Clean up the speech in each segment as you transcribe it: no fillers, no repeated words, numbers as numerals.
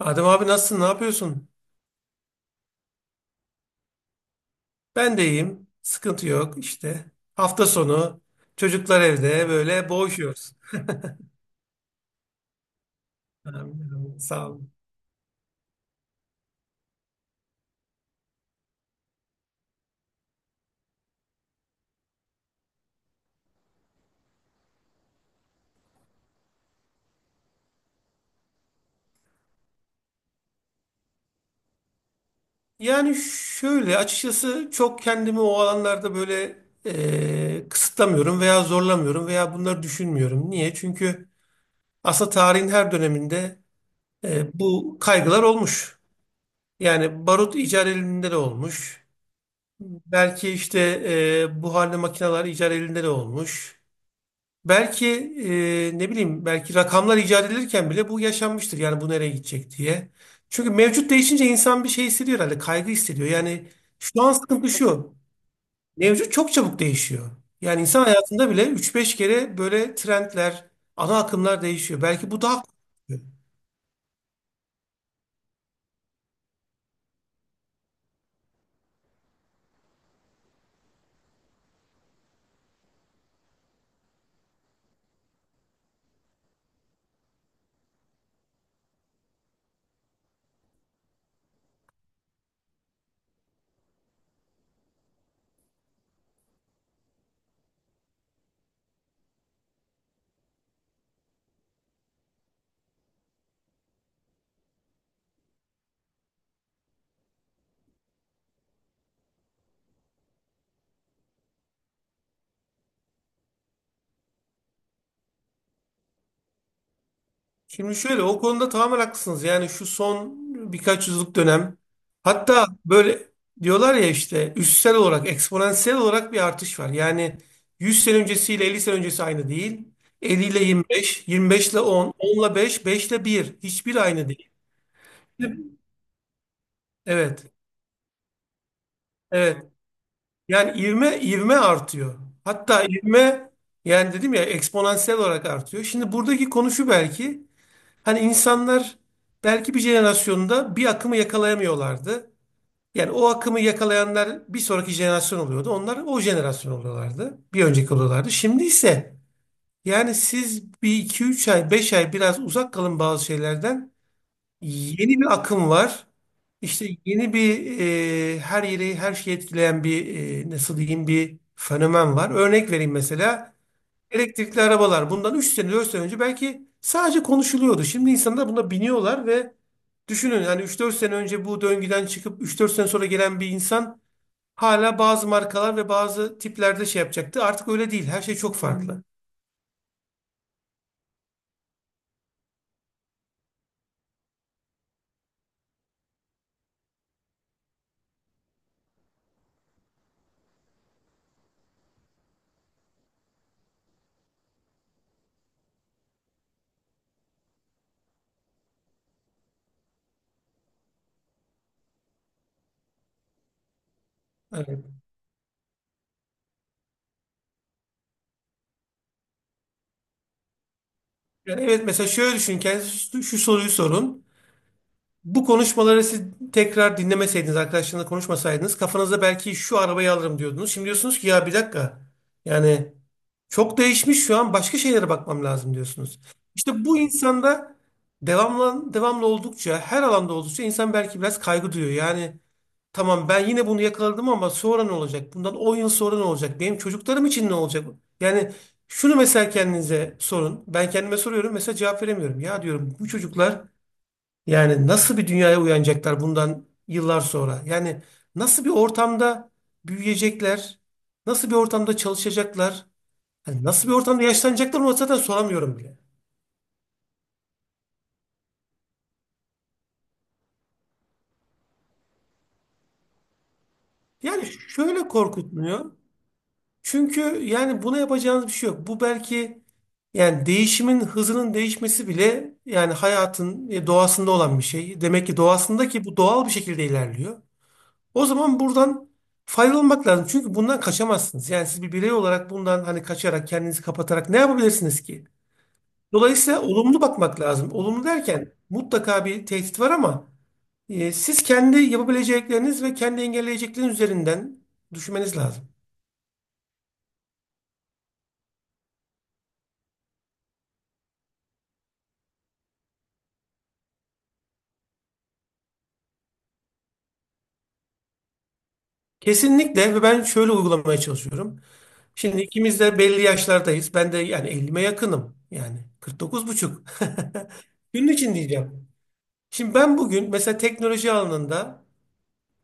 Adem abi nasılsın? Ne yapıyorsun? Ben de iyiyim. Sıkıntı yok işte. Hafta sonu çocuklar evde böyle boğuşuyoruz. Anladım, sağ olun. Yani şöyle açıkçası çok kendimi o alanlarda böyle kısıtlamıyorum veya zorlamıyorum veya bunları düşünmüyorum. Niye? Çünkü aslında tarihin her döneminde bu kaygılar olmuş. Yani barut icat elinde de olmuş. Belki işte buharlı makineler icat elinde de olmuş. Belki ne bileyim belki rakamlar icat edilirken bile bu yaşanmıştır. Yani bu nereye gidecek diye. Çünkü mevcut değişince insan bir şey hissediyor herhalde. Kaygı hissediyor. Yani şu an sıkıntı şu. Mevcut çok çabuk değişiyor. Yani insan hayatında bile üç beş kere böyle trendler, ana akımlar değişiyor. Belki bu daha korkutucu. Şimdi şöyle o konuda tamamen haklısınız. Yani şu son birkaç yüzyıllık dönem hatta böyle diyorlar ya işte üstsel olarak eksponansiyel olarak bir artış var. Yani 100 sene öncesiyle 50 sene öncesi aynı değil. 50 ile 25, 25 ile 10, 10 ile 5, 5 ile 1. Hiçbir aynı değil. Evet, evet. Yani ivme ivme artıyor. Hatta ivme yani dedim ya eksponansiyel olarak artıyor. Şimdi buradaki konu şu belki. Hani insanlar belki bir jenerasyonda bir akımı yakalayamıyorlardı. Yani o akımı yakalayanlar bir sonraki jenerasyon oluyordu. Onlar o jenerasyon oluyorlardı. Bir önceki oluyorlardı. Şimdi ise yani siz bir iki üç ay, 5 ay biraz uzak kalın bazı şeylerden. Yeni bir akım var. İşte yeni bir her yeri her şeyi etkileyen bir nasıl diyeyim bir fenomen var. Örnek vereyim mesela. Elektrikli arabalar bundan 3 sene 4 sene önce belki sadece konuşuluyordu. Şimdi insanlar buna biniyorlar ve düşünün yani 3-4 sene önce bu döngüden çıkıp 3-4 sene sonra gelen bir insan hala bazı markalar ve bazı tiplerde şey yapacaktı. Artık öyle değil. Her şey çok farklı. Evet. Yani evet mesela şöyle düşün kendinize şu soruyu sorun. Bu konuşmaları siz tekrar dinlemeseydiniz, arkadaşlarınızla konuşmasaydınız kafanızda belki şu arabayı alırım diyordunuz. Şimdi diyorsunuz ki ya bir dakika yani çok değişmiş şu an başka şeylere bakmam lazım diyorsunuz. İşte bu insanda devamlı, devamlı oldukça her alanda oldukça insan belki biraz kaygı duyuyor. Yani tamam ben yine bunu yakaladım ama sonra ne olacak? Bundan 10 yıl sonra ne olacak? Benim çocuklarım için ne olacak? Yani şunu mesela kendinize sorun. Ben kendime soruyorum mesela cevap veremiyorum. Ya diyorum bu çocuklar yani nasıl bir dünyaya uyanacaklar bundan yıllar sonra? Yani nasıl bir ortamda büyüyecekler? Nasıl bir ortamda çalışacaklar? Hani nasıl bir ortamda yaşlanacaklar onu zaten soramıyorum bile. Yani şöyle korkutmuyor. Çünkü yani buna yapacağınız bir şey yok. Bu belki yani değişimin hızının değişmesi bile yani hayatın doğasında olan bir şey. Demek ki doğasında ki bu doğal bir şekilde ilerliyor. O zaman buradan faydalanmak lazım. Çünkü bundan kaçamazsınız. Yani siz bir birey olarak bundan hani kaçarak kendinizi kapatarak ne yapabilirsiniz ki? Dolayısıyla olumlu bakmak lazım. Olumlu derken mutlaka bir tehdit var ama siz kendi yapabilecekleriniz ve kendi engelleyecekleriniz üzerinden düşünmeniz lazım. Kesinlikle ve ben şöyle uygulamaya çalışıyorum. Şimdi ikimiz de belli yaşlardayız. Ben de yani 50'me yakınım. Yani 49 buçuk. Günün için diyeceğim. Şimdi ben bugün mesela teknoloji alanında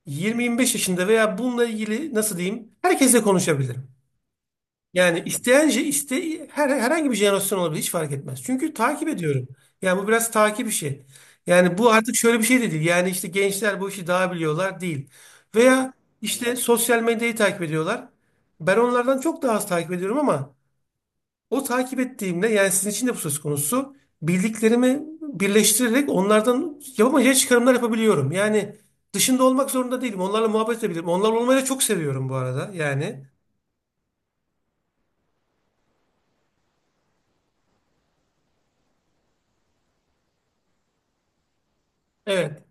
20-25 yaşında veya bununla ilgili nasıl diyeyim herkesle konuşabilirim. Yani isteyince iste herhangi bir jenerasyon olabilir hiç fark etmez. Çünkü takip ediyorum. Yani bu biraz takip işi. Yani bu artık şöyle bir şey de değil. Yani işte gençler bu işi daha biliyorlar değil. Veya işte sosyal medyayı takip ediyorlar. Ben onlardan çok daha az takip ediyorum ama o takip ettiğimde yani sizin için de bu söz konusu bildiklerimi birleştirerek onlardan yapamayacağı çıkarımlar yapabiliyorum. Yani dışında olmak zorunda değilim. Onlarla muhabbet edebilirim. Onlarla olmayı da çok seviyorum bu arada. Yani evet,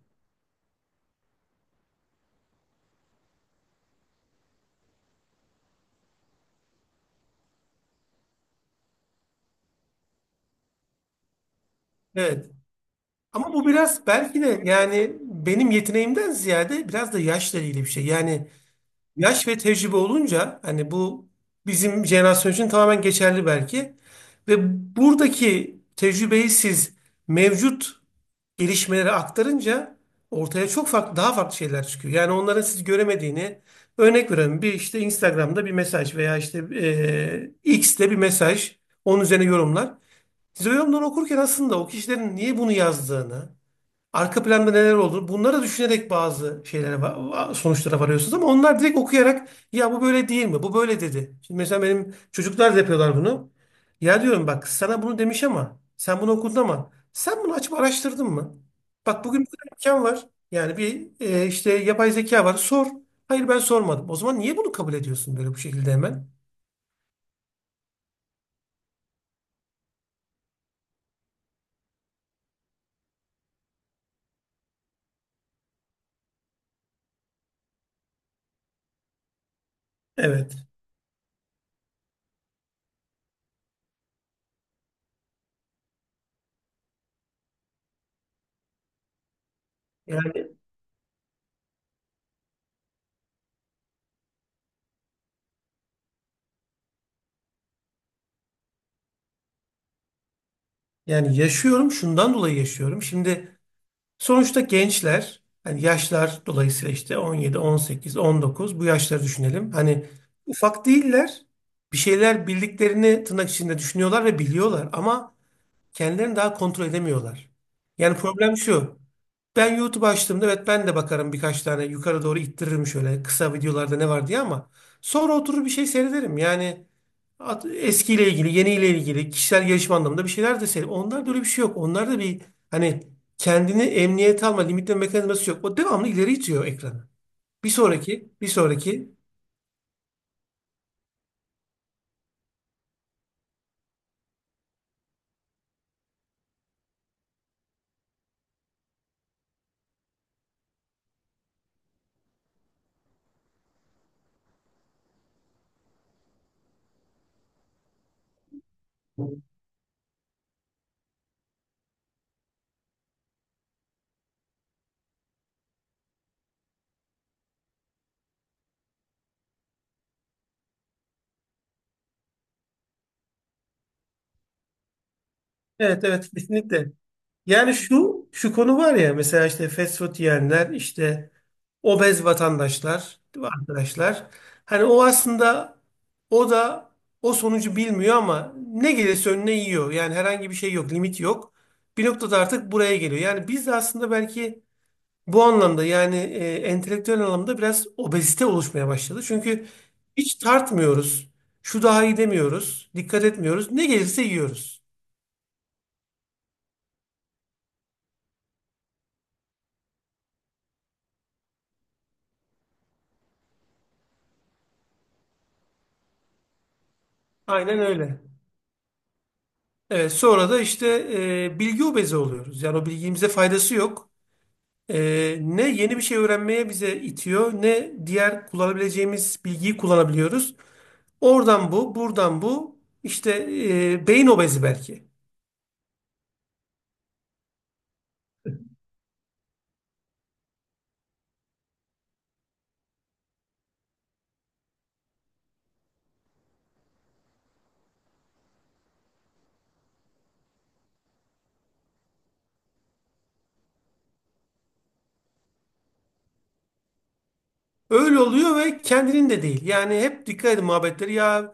evet. Ama bu biraz belki de yani benim yeteneğimden ziyade biraz da yaşla ilgili bir şey. Yani yaş ve tecrübe olunca hani bu bizim jenerasyon için tamamen geçerli belki. Ve buradaki tecrübeyi siz mevcut gelişmeleri aktarınca ortaya çok farklı, daha farklı şeyler çıkıyor. Yani onların siz göremediğini örnek veriyorum. Bir işte Instagram'da bir mesaj veya işte X'te bir mesaj. Onun üzerine yorumlar. Siz o yorumları okurken aslında o kişilerin niye bunu yazdığını arka planda neler olduğunu bunları düşünerek bazı şeylere sonuçlara varıyorsunuz ama onlar direkt okuyarak ya bu böyle değil mi? Bu böyle dedi. Şimdi mesela benim çocuklar da yapıyorlar bunu. Ya diyorum bak sana bunu demiş ama sen bunu okudun ama sen bunu açıp araştırdın mı? Bak bugün bir tane imkan var. Yani bir işte yapay zeka var. Sor. Hayır ben sormadım. O zaman niye bunu kabul ediyorsun böyle bu şekilde hemen? Evet. Yani yani yaşıyorum şundan dolayı yaşıyorum. Şimdi sonuçta gençler hani yaşlar dolayısıyla işte 17, 18, 19 bu yaşları düşünelim. Hani ufak değiller. Bir şeyler bildiklerini tırnak içinde düşünüyorlar ve biliyorlar ama kendilerini daha kontrol edemiyorlar. Yani problem şu. Ben YouTube açtığımda evet ben de bakarım birkaç tane yukarı doğru ittiririm şöyle kısa videolarda ne var diye ama sonra oturur bir şey seyrederim. Yani eskiyle ilgili, yeniyle ilgili, kişisel gelişim anlamında bir şeyler de söyleyeyim. Onlarda öyle bir şey yok. Onlarda bir hani kendini emniyete alma, limitleme mekanizması yok. O devamlı ileri itiyor ekranı. Bir sonraki, bir sonraki. Evet, evet, kesinlikle. Yani şu şu konu var ya mesela işte fast food yiyenler işte obez vatandaşlar değil mi arkadaşlar. Hani o aslında o da o sonucu bilmiyor ama ne gelirse önüne yiyor. Yani herhangi bir şey yok, limit yok. Bir noktada artık buraya geliyor. Yani biz de aslında belki bu anlamda yani entelektüel anlamda biraz obezite oluşmaya başladı. Çünkü hiç tartmıyoruz. Şu daha iyi demiyoruz. Dikkat etmiyoruz. Ne gelirse yiyoruz. Aynen öyle. Evet, sonra da işte bilgi obezi oluyoruz. Yani o bilgimize faydası yok. Ne yeni bir şey öğrenmeye bize itiyor, ne diğer kullanabileceğimiz bilgiyi kullanabiliyoruz. Oradan bu, buradan bu. İşte beyin obezi belki. Öyle oluyor ve kendinin de değil. Yani hep dikkat edin muhabbetleri. Ya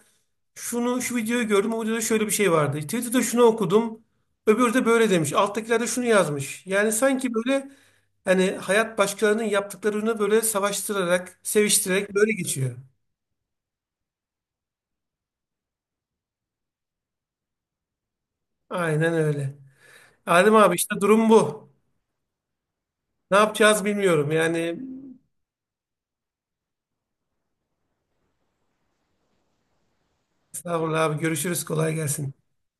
şunu şu videoyu gördüm. O videoda şöyle bir şey vardı. Twitter'da şunu okudum. Öbürü de böyle demiş. Alttakiler de şunu yazmış. Yani sanki böyle hani hayat başkalarının yaptıklarını böyle savaştırarak, seviştirerek böyle geçiyor. Aynen öyle. Adem abi işte durum bu. Ne yapacağız bilmiyorum. Yani estağfurullah abi görüşürüz kolay gelsin.